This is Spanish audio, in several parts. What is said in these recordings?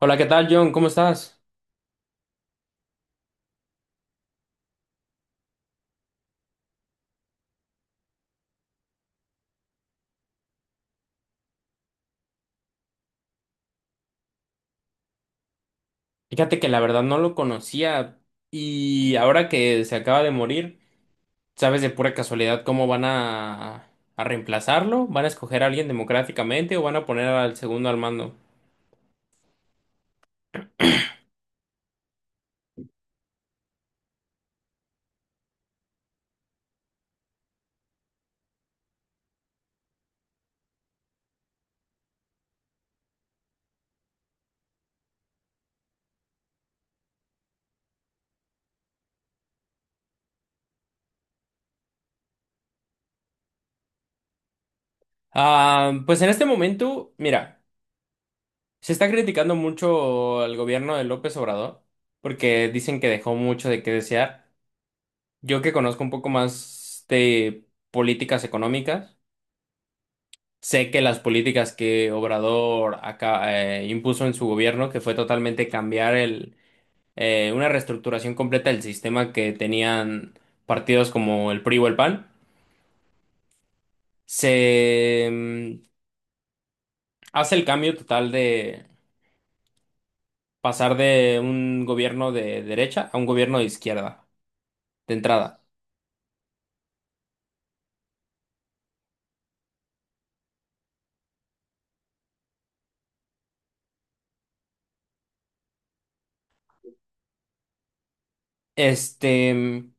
Hola, ¿qué tal, John? ¿Cómo estás? Fíjate que la verdad no lo conocía y ahora que se acaba de morir, ¿sabes de pura casualidad cómo van a reemplazarlo? ¿Van a escoger a alguien democráticamente o van a poner al segundo al mando? Pues en este momento, mira, se está criticando mucho al gobierno de López Obrador porque dicen que dejó mucho de qué desear. Yo que conozco un poco más de políticas económicas. Sé que las políticas que Obrador acá, impuso en su gobierno, que fue totalmente cambiar el, una reestructuración completa del sistema que tenían partidos como el PRI o el PAN, se mm, hace el cambio total de pasar de un gobierno de derecha a un gobierno de izquierda, de entrada. Este, mm,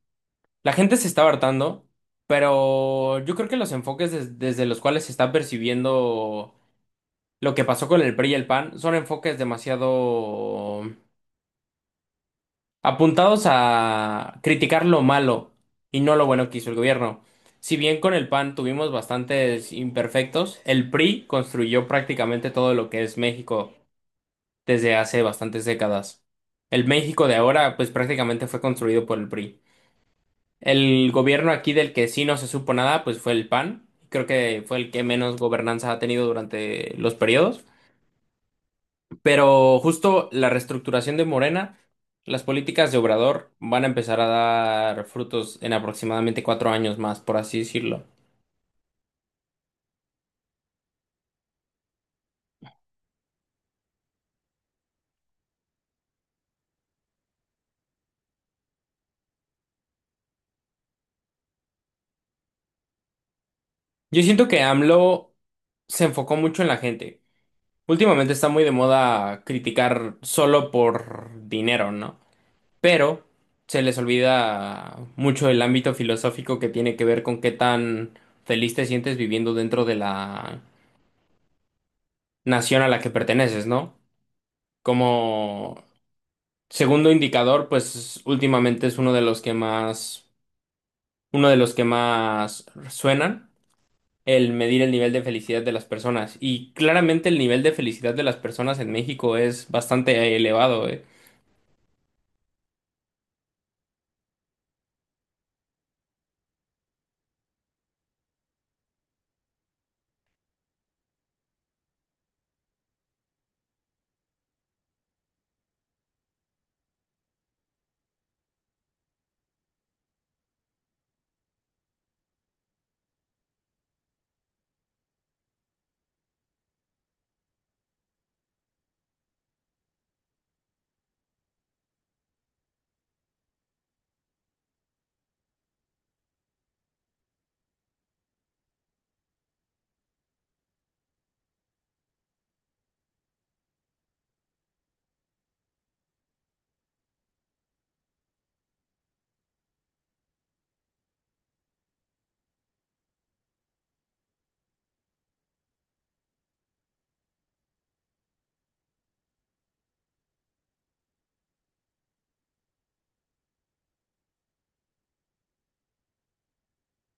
la gente se está hartando, pero yo creo que los enfoques desde los cuales se está percibiendo lo que pasó con el PRI y el PAN son enfoques demasiado apuntados a criticar lo malo y no lo bueno que hizo el gobierno. Si bien con el PAN tuvimos bastantes imperfectos, el PRI construyó prácticamente todo lo que es México desde hace bastantes décadas. El México de ahora, pues prácticamente fue construido por el PRI. El gobierno aquí del que sí no se supo nada, pues fue el PAN. Creo que fue el que menos gobernanza ha tenido durante los periodos. Pero justo la reestructuración de Morena, las políticas de Obrador van a empezar a dar frutos en aproximadamente cuatro años más, por así decirlo. Yo siento que AMLO se enfocó mucho en la gente. Últimamente está muy de moda criticar solo por dinero, ¿no? Pero se les olvida mucho el ámbito filosófico que tiene que ver con qué tan feliz te sientes viviendo dentro de la nación a la que perteneces, ¿no? Como segundo indicador, pues últimamente es uno de los que más suenan, el medir el nivel de felicidad de las personas. Y claramente el nivel de felicidad de las personas en México es bastante elevado, eh.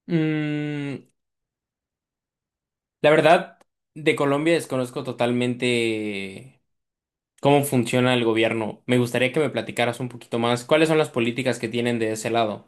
Mm, la verdad, de Colombia desconozco totalmente cómo funciona el gobierno. Me gustaría que me platicaras un poquito más cuáles son las políticas que tienen de ese lado.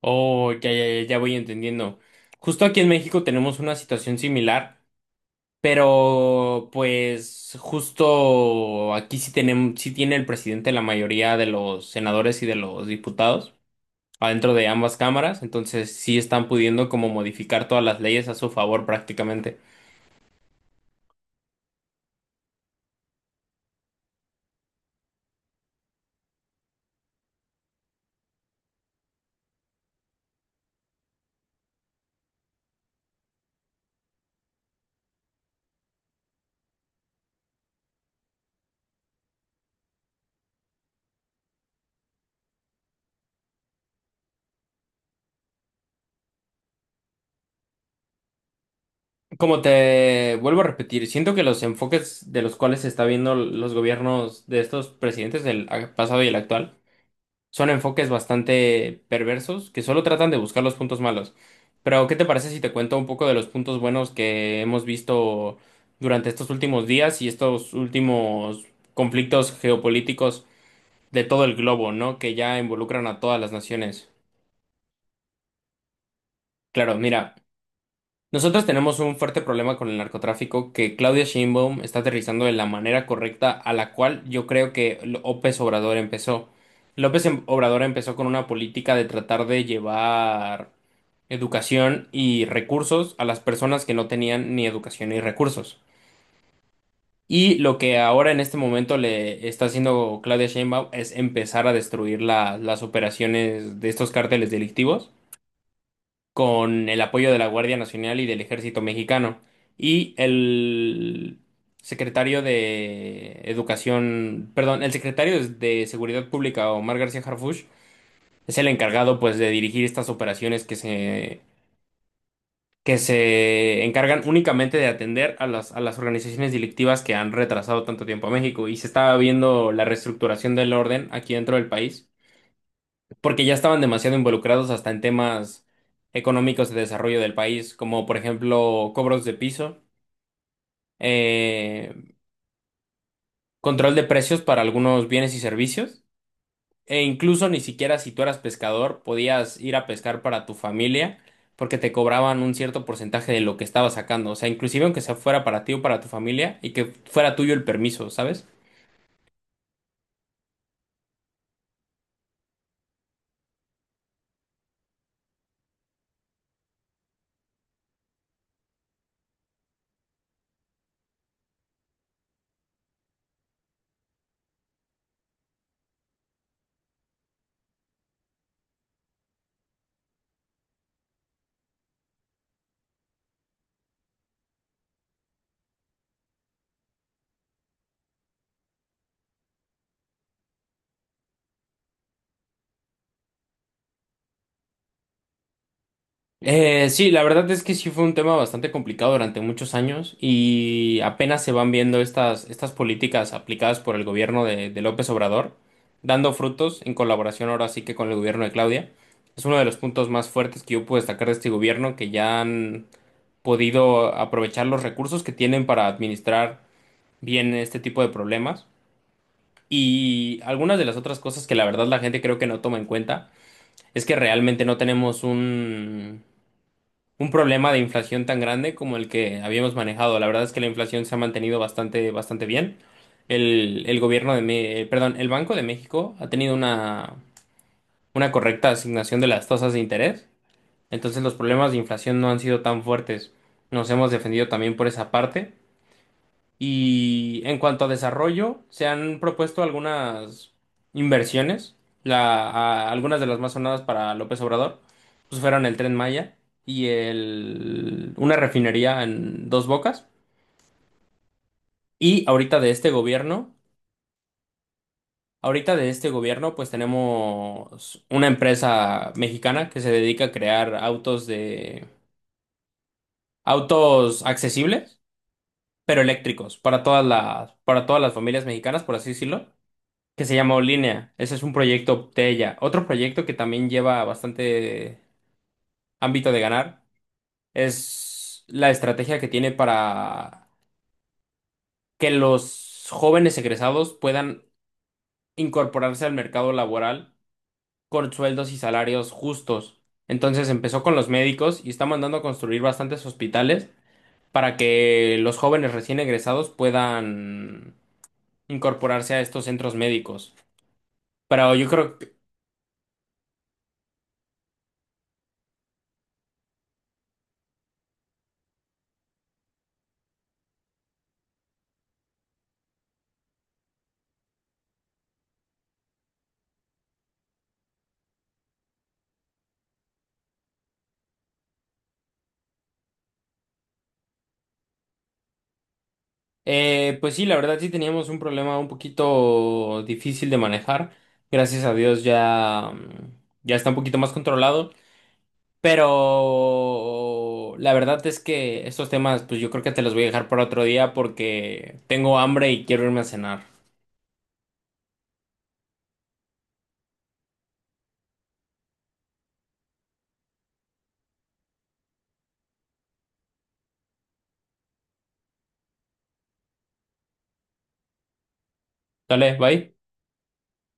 Oh, ya, ya, ya voy entendiendo. Justo aquí en México tenemos una situación similar. Pero pues justo aquí sí tenemos, sí tiene el presidente la mayoría de los senadores y de los diputados adentro de ambas cámaras, entonces sí están pudiendo como modificar todas las leyes a su favor prácticamente. Como te vuelvo a repetir, siento que los enfoques de los cuales se está viendo los gobiernos de estos presidentes, el pasado y el actual, son enfoques bastante perversos que solo tratan de buscar los puntos malos. Pero, ¿qué te parece si te cuento un poco de los puntos buenos que hemos visto durante estos últimos días y estos últimos conflictos geopolíticos de todo el globo, ¿no? Que ya involucran a todas las naciones. Claro, mira. Nosotros tenemos un fuerte problema con el narcotráfico que Claudia Sheinbaum está aterrizando de la manera correcta a la cual yo creo que López Obrador empezó. Obrador empezó con una política de tratar de llevar educación y recursos a las personas que no tenían ni educación ni recursos. Y lo que ahora en este momento le está haciendo Claudia Sheinbaum es empezar a destruir las operaciones de estos cárteles delictivos con el apoyo de la Guardia Nacional y del Ejército Mexicano. Y el secretario de Educación, perdón, el secretario de Seguridad Pública, Omar García Harfuch, es el encargado pues de dirigir estas operaciones que se encargan únicamente de atender a a las organizaciones delictivas que han retrasado tanto tiempo a México. Y se estaba viendo la reestructuración del orden aquí dentro del país porque ya estaban demasiado involucrados hasta en temas económicos de desarrollo del país, como por ejemplo cobros de piso, eh, control de precios para algunos bienes y servicios, e incluso ni siquiera si tú eras pescador podías ir a pescar para tu familia porque te cobraban un cierto porcentaje de lo que estabas sacando, o sea, inclusive aunque sea fuera para ti o para tu familia y que fuera tuyo el permiso, ¿sabes? Sí, la verdad es que sí fue un tema bastante complicado durante muchos años y apenas se van viendo estas políticas aplicadas por el gobierno de López Obrador, dando frutos en colaboración ahora sí que con el gobierno de Claudia. Es uno de los puntos más fuertes que yo puedo destacar de este gobierno, que ya han podido aprovechar los recursos que tienen para administrar bien este tipo de problemas. Y algunas de las otras cosas que la verdad la gente creo que no toma en cuenta es que realmente no tenemos un problema de inflación tan grande como el que habíamos manejado. La verdad es que la inflación se ha mantenido bastante bien. El gobierno de, perdón, el Banco de México ha tenido una correcta asignación de las tasas de interés. Entonces los problemas de inflación no han sido tan fuertes. Nos hemos defendido también por esa parte. Y en cuanto a desarrollo, se han propuesto algunas inversiones. Algunas de las más sonadas para López Obrador, pues fueron el Tren Maya y una refinería en Dos Bocas. Y ahorita de este gobierno, Ahorita de este gobierno, pues tenemos una empresa mexicana que se dedica a crear autos de, autos accesibles, pero eléctricos para para todas las familias mexicanas, por así decirlo. Que se llamó Línea. Ese es un proyecto de ella. Otro proyecto que también lleva bastante ámbito de ganar es la estrategia que tiene para que los jóvenes egresados puedan incorporarse al mercado laboral con sueldos y salarios justos. Entonces empezó con los médicos y está mandando a construir bastantes hospitales para que los jóvenes recién egresados puedan incorporarse a estos centros médicos. Pero yo creo. Pues sí, la verdad sí teníamos un problema un poquito difícil de manejar. Gracias a Dios ya, ya está un poquito más controlado. Pero la verdad es que estos temas, pues yo creo que te los voy a dejar para otro día porque tengo hambre y quiero irme a cenar. Dale, bye.